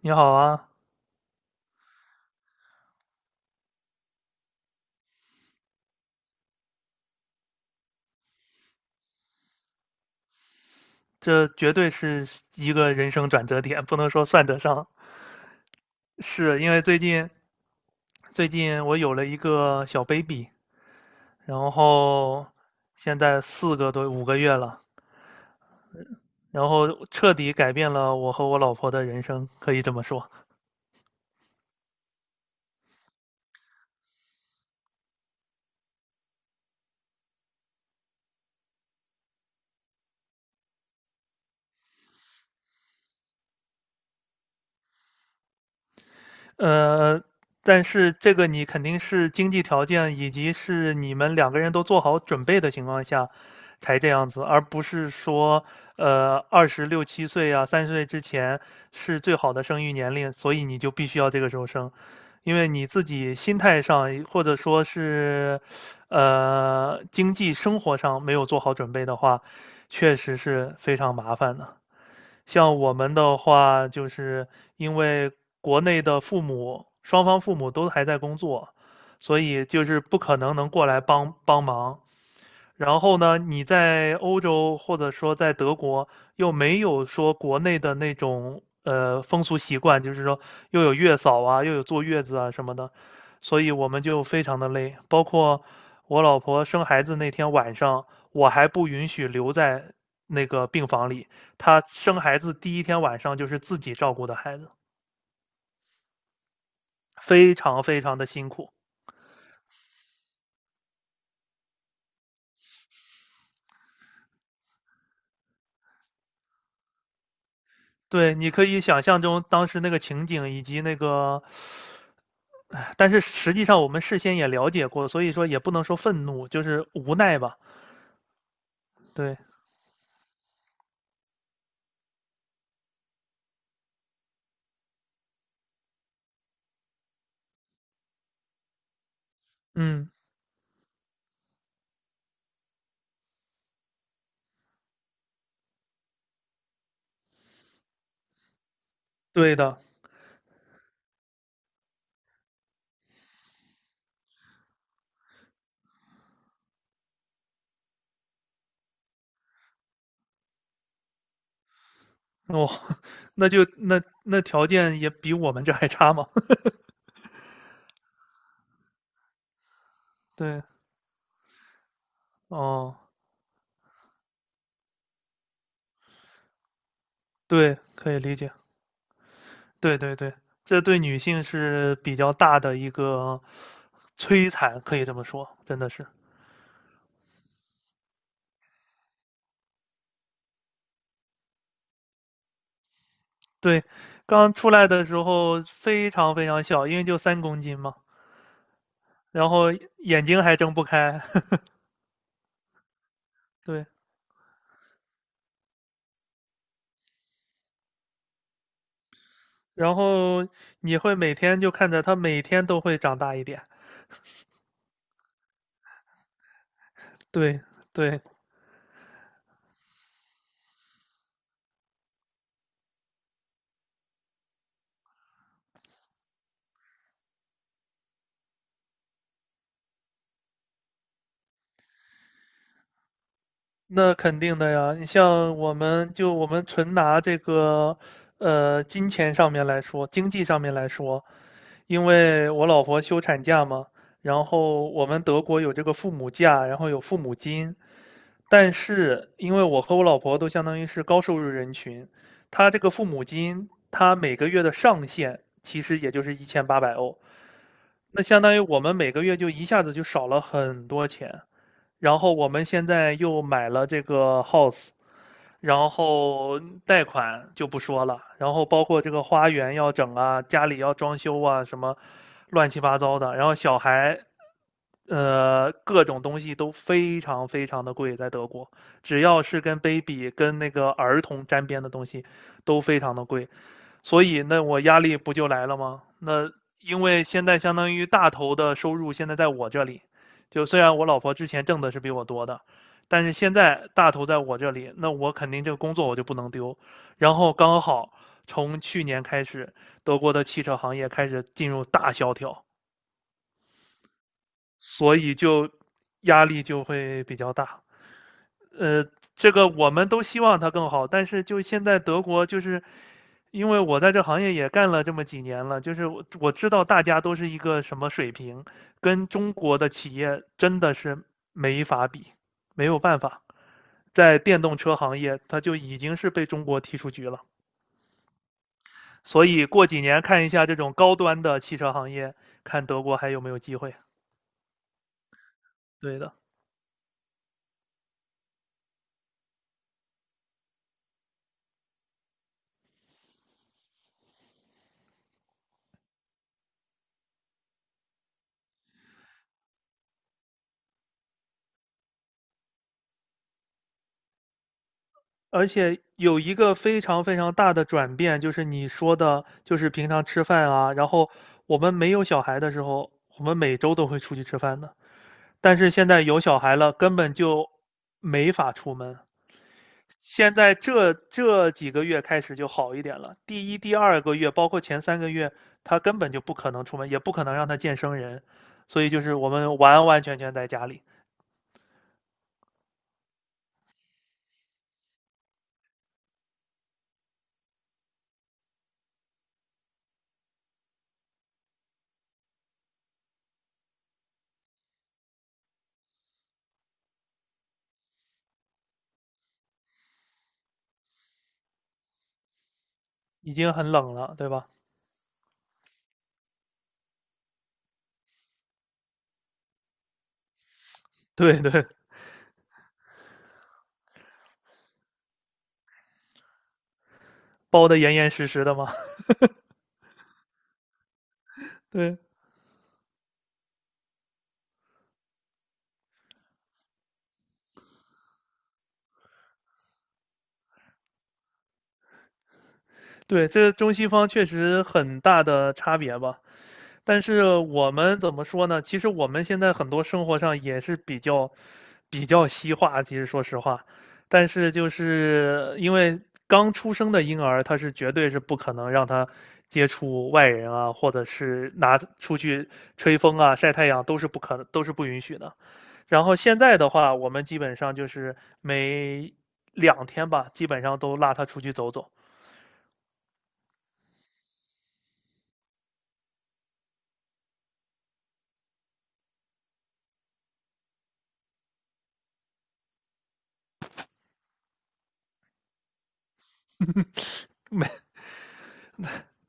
你好啊。这绝对是一个人生转折点，不能说算得上，是因为最近我有了一个小 baby，然后现在4个多5个月了，然后彻底改变了我和我老婆的人生，可以这么说。呃，但是这个你肯定是经济条件以及是你们两个人都做好准备的情况下才这样子，而不是说26、7岁啊30岁之前是最好的生育年龄，所以你就必须要这个时候生。因为你自己心态上或者说是经济生活上没有做好准备的话，确实是非常麻烦的。像我们的话，就是因为国内的父母，双方父母都还在工作，所以就是不可能能过来帮帮忙。然后呢，你在欧洲或者说在德国又没有说国内的那种风俗习惯，就是说又有月嫂啊，又有坐月子啊什么的，所以我们就非常的累。包括我老婆生孩子那天晚上，我还不允许留在那个病房里，她生孩子第一天晚上就是自己照顾的孩子，非常非常的辛苦。对，你可以想象中当时那个情景以及那个，唉但是实际上我们事先也了解过，所以说也不能说愤怒，就是无奈吧。对。嗯。对的。哦，那就那条件也比我们这还差吗？对。哦。对，可以理解。对对对，这对女性是比较大的一个摧残，可以这么说，真的是。对，刚出来的时候非常非常小，因为就3公斤嘛。然后眼睛还睁不开。对。然后你会每天就看着它每天都会长大一点。对对，那肯定的呀，你像我们就我们纯拿这个，金钱上面来说，经济上面来说，因为我老婆休产假嘛，然后我们德国有这个父母假，然后有父母金。但是因为我和我老婆都相当于是高收入人群，她这个父母金，她每个月的上限其实也就是1800欧，那相当于我们每个月就一下子就少了很多钱。然后我们现在又买了这个 house，然后贷款就不说了，然后包括这个花园要整啊，家里要装修啊，什么乱七八糟的，然后小孩各种东西都非常非常的贵。在德国，只要是跟 baby 跟那个儿童沾边的东西都非常的贵，所以那我压力不就来了吗？那因为现在相当于大头的收入现在在我这里，就虽然我老婆之前挣的是比我多的，但是现在大头在我这里，那我肯定这个工作我就不能丢。然后刚好从去年开始，德国的汽车行业开始进入大萧条，所以就压力就会比较大。呃，这个我们都希望它更好，但是就现在德国就是，因为我在这行业也干了这么几年了，就是我知道大家都是一个什么水平，跟中国的企业真的是没法比，没有办法。在电动车行业它就已经是被中国踢出局了，所以过几年看一下这种高端的汽车行业，看德国还有没有机会。对的。而且有一个非常非常大的转变，就是你说的，就是平常吃饭啊，然后我们没有小孩的时候，我们每周都会出去吃饭的，但是现在有小孩了，根本就没法出门。现在这几个月开始就好一点了，第一、第二个月，包括前3个月，他根本就不可能出门，也不可能让他见生人，所以就是我们完完全全在家里，已经很冷了，对吧？对对，包得严严实实的嘛，对。对，这中西方确实很大的差别吧。但是我们怎么说呢？其实我们现在很多生活上也是比较西化，其实说实话。但是就是因为刚出生的婴儿，他是绝对是不可能让他接触外人啊，或者是拿出去吹风啊、晒太阳都是不允许的。然后现在的话，我们基本上就是每2天吧，基本上都拉他出去走走。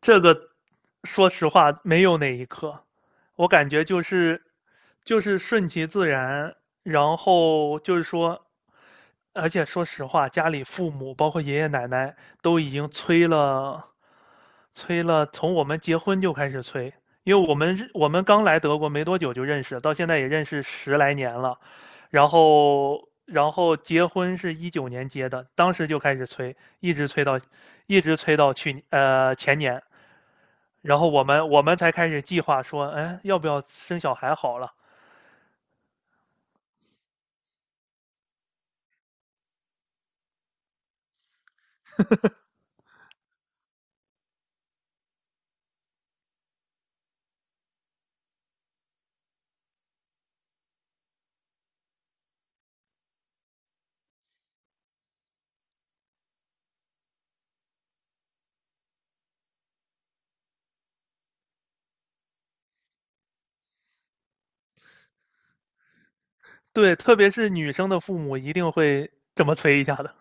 这个说实话没有哪一刻，我感觉就是顺其自然，然后就是说，而且说实话，家里父母包括爷爷奶奶都已经催了，催了，从我们结婚就开始催，因为我们刚来德国没多久就认识，到现在也认识十来年了，然后结婚是19年结的，当时就开始催，一直催到前年，然后我们才开始计划说，哎，要不要生小孩好了？对，特别是女生的父母一定会这么催一下的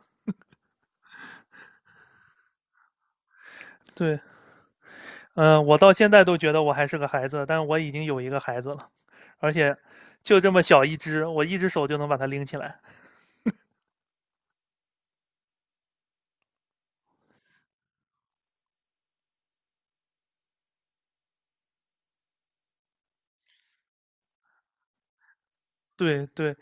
对。我到现在都觉得我还是个孩子，但我已经有一个孩子了，而且就这么小一只，我一只手就能把它拎起来。对对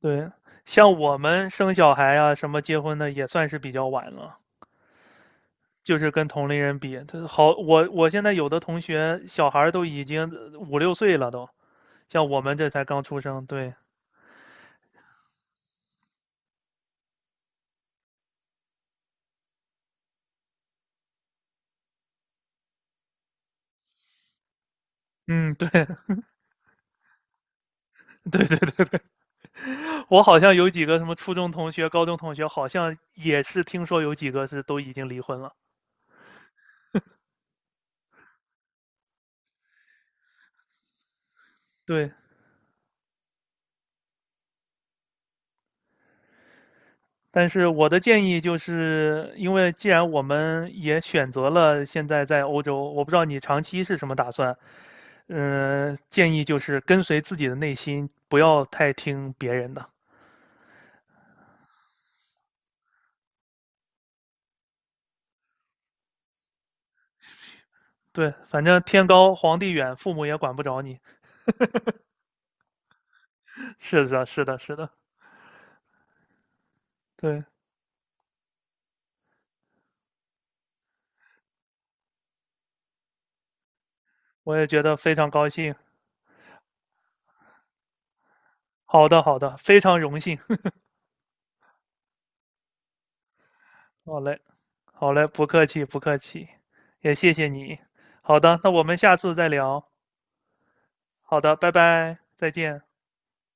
对，像我们生小孩啊，什么结婚的也算是比较晚了。就是跟同龄人比，他好，我现在有的同学小孩都已经5、6岁了都，像我们这才刚出生。对。嗯。对。 对对对，我好像有几个什么初中同学、高中同学，好像也是听说有几个是都已经离婚了。对，但是我的建议就是，因为既然我们也选择了现在在欧洲，我不知道你长期是什么打算。建议就是跟随自己的内心，不要太听别人的。对，反正天高皇帝远，父母也管不着你。是的，是的，是的。对，我也觉得非常高兴。好的，好的，非常荣幸。好嘞，好嘞，不客气，不客气，也谢谢你。好的，那我们下次再聊。好的，拜拜，再见。